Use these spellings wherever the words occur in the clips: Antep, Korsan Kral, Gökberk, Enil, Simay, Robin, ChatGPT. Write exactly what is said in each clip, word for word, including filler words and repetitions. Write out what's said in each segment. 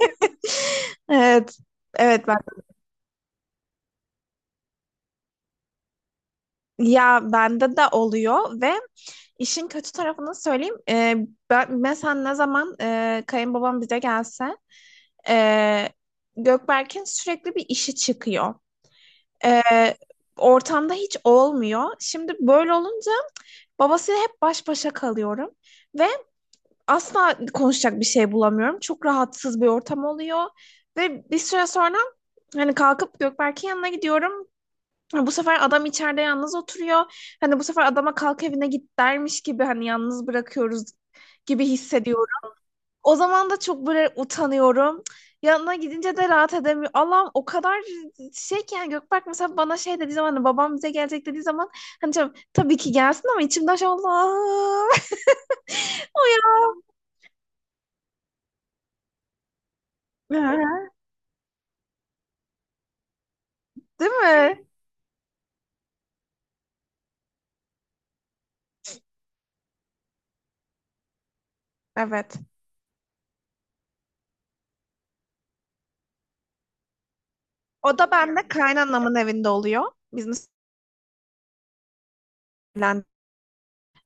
Evet. Evet ben ya bende de oluyor ve işin kötü tarafını söyleyeyim. Ee, ben mesela ne zaman e, kayınbabam bize gelse, e, Gökberk'in sürekli bir işi çıkıyor. E, Ortamda hiç olmuyor. Şimdi böyle olunca babasıyla hep baş başa kalıyorum ve asla konuşacak bir şey bulamıyorum. Çok rahatsız bir ortam oluyor ve bir süre sonra hani kalkıp Gökberk'in yanına gidiyorum. Hani bu sefer adam içeride yalnız oturuyor. Hani bu sefer adama kalk evine git dermiş gibi hani yalnız bırakıyoruz gibi hissediyorum. O zaman da çok böyle utanıyorum. Yanına gidince de rahat edemiyorum. Allah'ım o kadar şey ki, yani Gökberk mesela bana şey dediği zaman, hani babam bize gelecek dediği zaman, hani canım, tabii ki gelsin ama içimden şey Allah. Değil mi? Evet. O da bende kaynanamın evinde oluyor. Biz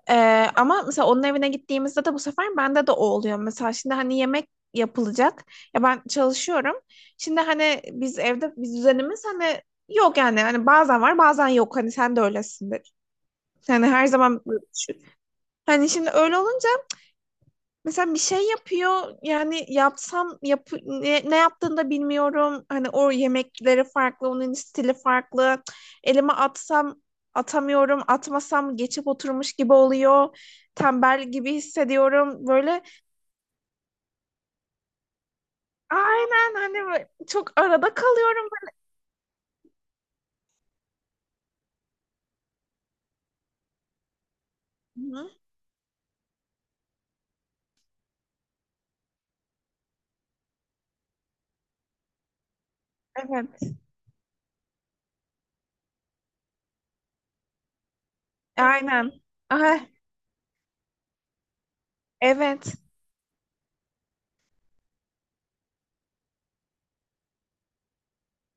Ee, Ama mesela onun evine gittiğimizde de bu sefer bende de o oluyor. Mesela şimdi hani yemek yapılacak. Ya ben çalışıyorum. Şimdi hani biz evde biz düzenimiz hani yok yani. Hani bazen var, bazen yok. Hani sen de öylesindir. Yani her zaman böyle düşün. Hani şimdi öyle olunca mesela bir şey yapıyor yani yapsam yap, ne, ne yaptığını da bilmiyorum. Hani o yemekleri farklı, onun stili farklı. Elime atsam atamıyorum, atmasam geçip oturmuş gibi oluyor. Tembel gibi hissediyorum. Böyle aynen hani böyle çok arada kalıyorum. Hı, evet, aynen. Aha, evet.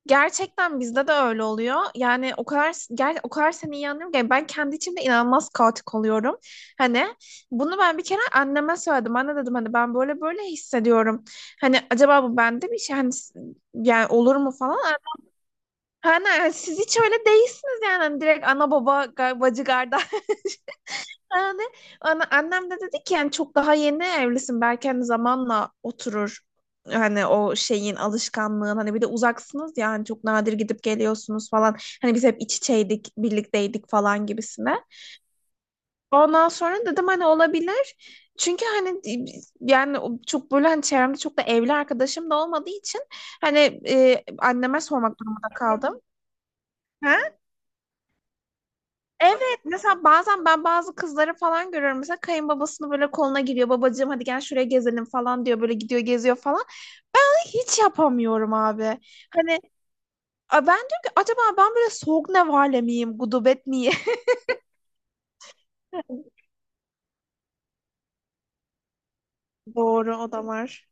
Gerçekten bizde de öyle oluyor. Yani o kadar ger o kadar seni iyi anlıyorum ki yani ben kendi içimde inanılmaz kaotik oluyorum. Hani bunu ben bir kere anneme söyledim. Anne dedim hani ben böyle böyle hissediyorum. Hani acaba bu bende bir şey hani s- yani olur mu falan. Hani siz hiç öyle değilsiniz yani. Hani direkt ana baba ga- bacı kardeş yani ana- annem de dedi ki yani çok daha yeni evlisin, belki hani zamanla oturur, hani o şeyin alışkanlığın, hani bir de uzaksınız ya, hani çok nadir gidip geliyorsunuz falan, hani biz hep iç içeydik birlikteydik falan gibisine. Ondan sonra dedim hani olabilir çünkü hani yani o çok böyle hani çevremde çok da evli arkadaşım da olmadığı için hani e, anneme sormak durumunda kaldım. Evet, mesela bazen ben bazı kızları falan görüyorum. Mesela kayınbabasını böyle koluna giriyor. Babacığım hadi gel şuraya gezelim falan diyor. Böyle gidiyor, geziyor falan. Ben onu hiç yapamıyorum abi. Hani a- ben diyorum ki acaba ben böyle soğuk nevale miyim? Gudubet miyim? Doğru, o da var.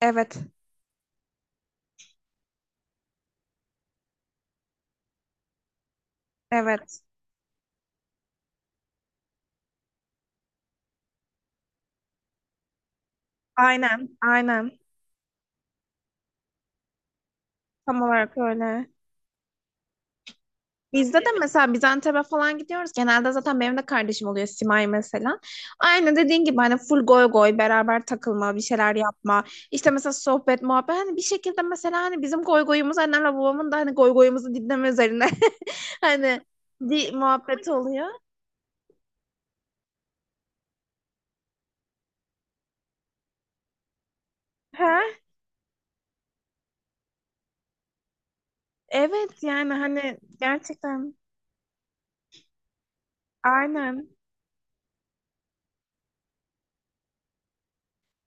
Evet. Evet. Aynen. Aynen. Tam olarak öyle. Bizde de mesela biz Antep'e falan gidiyoruz. Genelde zaten benim de kardeşim oluyor, Simay mesela. Aynı dediğin gibi hani full goy goy, beraber takılma, bir şeyler yapma. İşte mesela sohbet, muhabbet. Hani bir şekilde mesela hani bizim goy goyumuz annemle babamın da hani goy goyumuzu dinleme üzerine. Hani di muhabbet oluyor. Ha? Evet yani hani gerçekten aynen.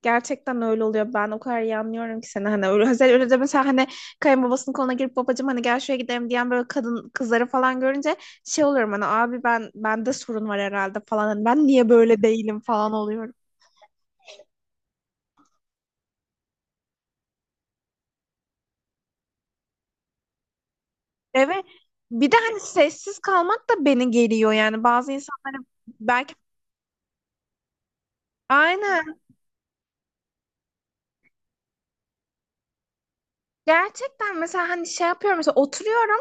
Gerçekten öyle oluyor. Ben o kadar iyi anlıyorum ki seni hani öyle, özel öyle de mesela hani kayınbabasının koluna girip babacığım hani gel şuraya gidelim diyen böyle kadın kızları falan görünce şey oluyorum hani abi ben bende sorun var herhalde falan, hani ben niye böyle değilim falan oluyorum. Evet. Bir de hani sessiz kalmak da beni geriyor yani bazı insanların belki, aynen. Gerçekten mesela hani şey yapıyorum mesela oturuyorum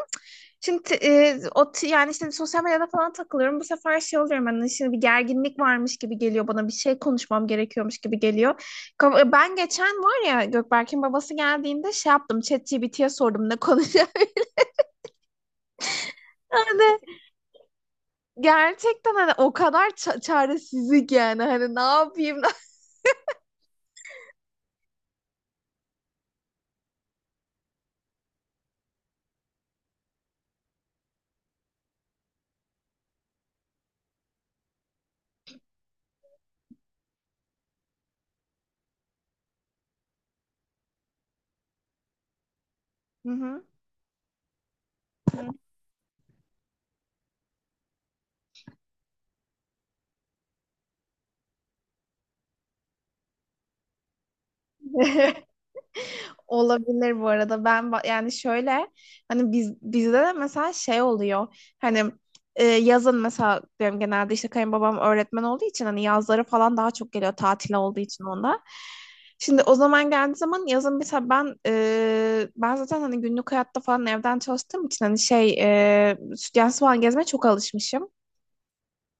şimdi t- e, o t- yani işte sosyal medyada falan takılıyorum bu sefer şey oluyorum hani şimdi bir gerginlik varmış gibi geliyor bana, bir şey konuşmam gerekiyormuş gibi geliyor. Ka- e, Ben geçen var ya Gökberk'in babası geldiğinde şey yaptım, ChatGPT'ye sordum ne konuşacağım. Hani gerçekten hani o kadar ça- çaresizlik yani hani ne yapayım. Hı hı. Olabilir bu arada. Ben ba- yani şöyle hani biz bizde de mesela şey oluyor. Hani e, yazın mesela benim genelde işte kayınbabam öğretmen olduğu için hani yazları falan daha çok geliyor tatil olduğu için onda. Şimdi o zaman geldiği zaman yazın mesela ben e, ben zaten hani günlük hayatta falan evden çalıştığım için hani şey, e, stüdyen falan gezmeye çok alışmışım.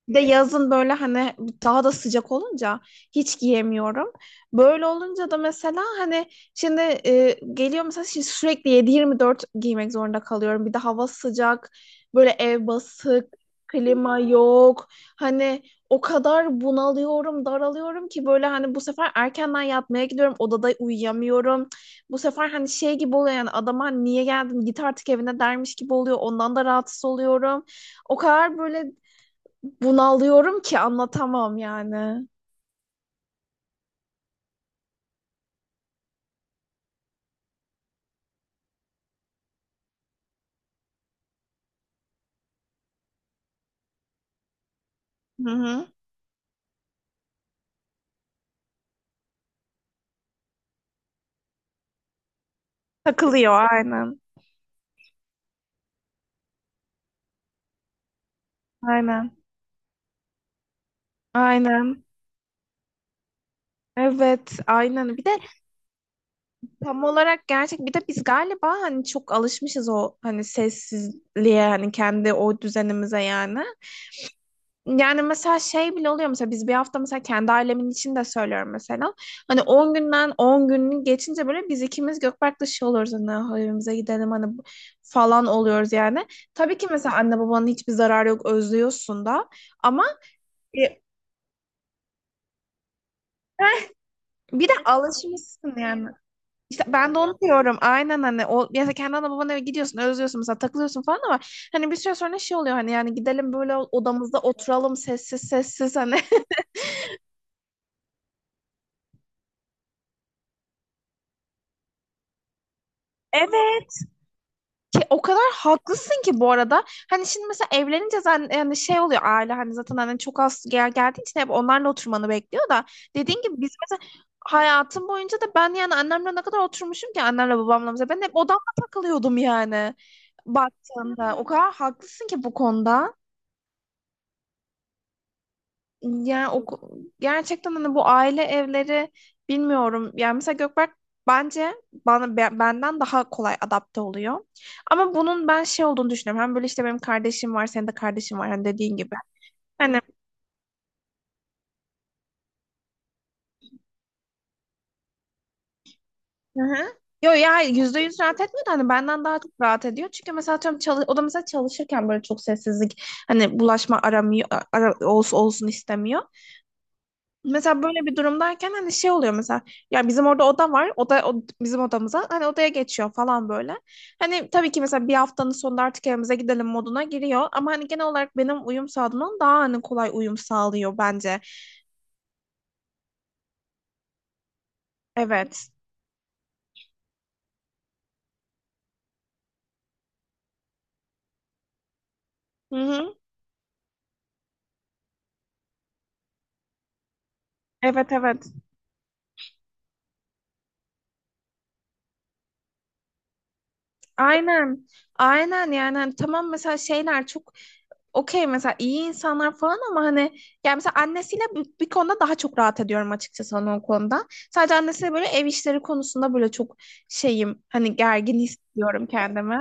Bir de yazın böyle hani daha da sıcak olunca hiç giyemiyorum. Böyle olunca da mesela hani şimdi e, geliyor mesela şimdi sürekli yedi yirmi dört giymek zorunda kalıyorum. Bir de hava sıcak, böyle ev basık, klima yok. Hani o kadar bunalıyorum, daralıyorum ki böyle hani bu sefer erkenden yatmaya gidiyorum. Odada uyuyamıyorum. Bu sefer hani şey gibi oluyor yani adama hani niye geldin git artık evine dermiş gibi oluyor. Ondan da rahatsız oluyorum. O kadar böyle bunalıyorum ki anlatamam yani. Hı hı. Takılıyor aynen. Aynen. Aynen. Evet, aynen. Bir de tam olarak gerçek, bir de biz galiba hani çok alışmışız o hani sessizliğe, hani kendi o düzenimize yani. Yani mesela şey bile oluyor, mesela biz bir hafta mesela kendi ailemin için de söylüyorum mesela. Hani on günden on günü geçince böyle biz ikimiz Gökberk dışı oluyoruz hani "Ah, evimize gidelim hani bu- falan oluyoruz yani. Tabii ki mesela anne babanın hiçbir zararı yok, özlüyorsun da ama e, bir de alışmışsın yani. İşte ben de onu diyorum. Aynen hani o mesela kendi ana babana eve gidiyorsun, özlüyorsun mesela takılıyorsun falan ama hani bir süre sonra şey oluyor hani yani gidelim böyle odamızda oturalım sessiz sessiz hani. Evet. Ke- O kadar haklısın ki bu arada. Hani şimdi mesela evlenince zaten yani şey oluyor, aile hani zaten hani çok az gel geldiği için hep onlarla oturmanı bekliyor da dediğin gibi biz mesela hayatım boyunca da ben yani annemle ne kadar oturmuşum ki annemle babamla mesela ben hep odamda takılıyordum yani baktığında. O kadar haklısın ki bu konuda. Yani oku- gerçekten hani bu aile evleri bilmiyorum. Yani mesela Gökberk bence bana be- benden daha kolay adapte oluyor. Ama bunun ben şey olduğunu düşünüyorum. Hem böyle işte benim kardeşim var, senin de kardeşin var hani dediğin gibi. Hani hı hı. Yo ya yüzde yüz rahat etmiyor da hani benden daha çok rahat ediyor. Çünkü mesela atıyorum çalış, o da mesela çalışırken böyle çok sessizlik hani bulaşma aramıyor, ara olsun olsun istemiyor. Mesela böyle bir durumdayken hani şey oluyor mesela ya bizim orada oda var oda o- bizim odamıza hani odaya geçiyor falan böyle. Hani tabii ki mesela bir haftanın sonunda artık evimize gidelim moduna giriyor ama hani genel olarak benim uyum sağladığımdan daha hani kolay uyum sağlıyor bence. Evet. Hı hı. Evet, evet. Aynen. Aynen yani hani tamam mesela şeyler çok okey, mesela iyi insanlar falan ama hani yani mesela annesiyle bir, bir konuda daha çok rahat ediyorum açıkçası hani o konuda. Sadece annesiyle böyle ev işleri konusunda böyle çok şeyim hani gergin hissediyorum kendimi.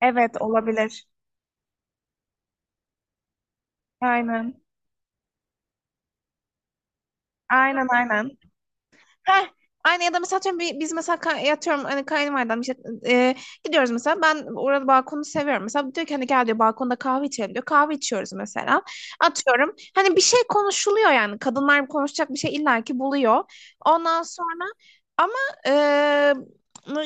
Evet olabilir. Aynen. Aynen aynen. Heh, aynı ya da mesela atıyorum bir- biz mesela ka- yatıyorum hani kayınvalidem işte, e, gidiyoruz mesela ben orada balkonu seviyorum mesela diyor ki hani gel diyor balkonda kahve içelim diyor, kahve içiyoruz mesela atıyorum hani bir şey konuşuluyor yani kadınlar konuşacak bir şey illaki buluyor. Ondan sonra ama e,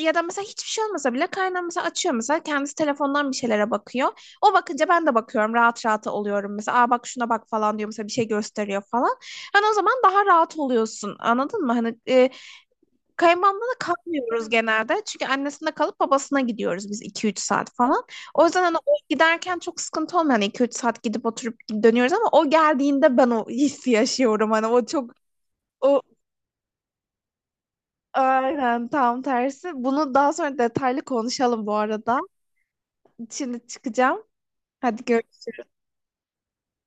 ya da mesela hiçbir şey olmasa bile kaynağım mesela açıyor mesela kendisi telefondan bir şeylere bakıyor, o bakınca ben de bakıyorum rahat rahat oluyorum, mesela aa bak şuna bak falan diyor mesela, bir şey gösteriyor falan. Hani o zaman daha rahat oluyorsun. Anladın mı? Hani kayınmamla da kalmıyoruz genelde. Çünkü annesinde kalıp babasına gidiyoruz biz iki üç saat falan. O yüzden hani o giderken çok sıkıntı olmuyor. Hani iki üç saat gidip oturup dönüyoruz ama o geldiğinde ben o hissi yaşıyorum. Hani o çok o aynen tam tersi. Bunu daha sonra detaylı konuşalım bu arada. Şimdi çıkacağım. Hadi görüşürüz.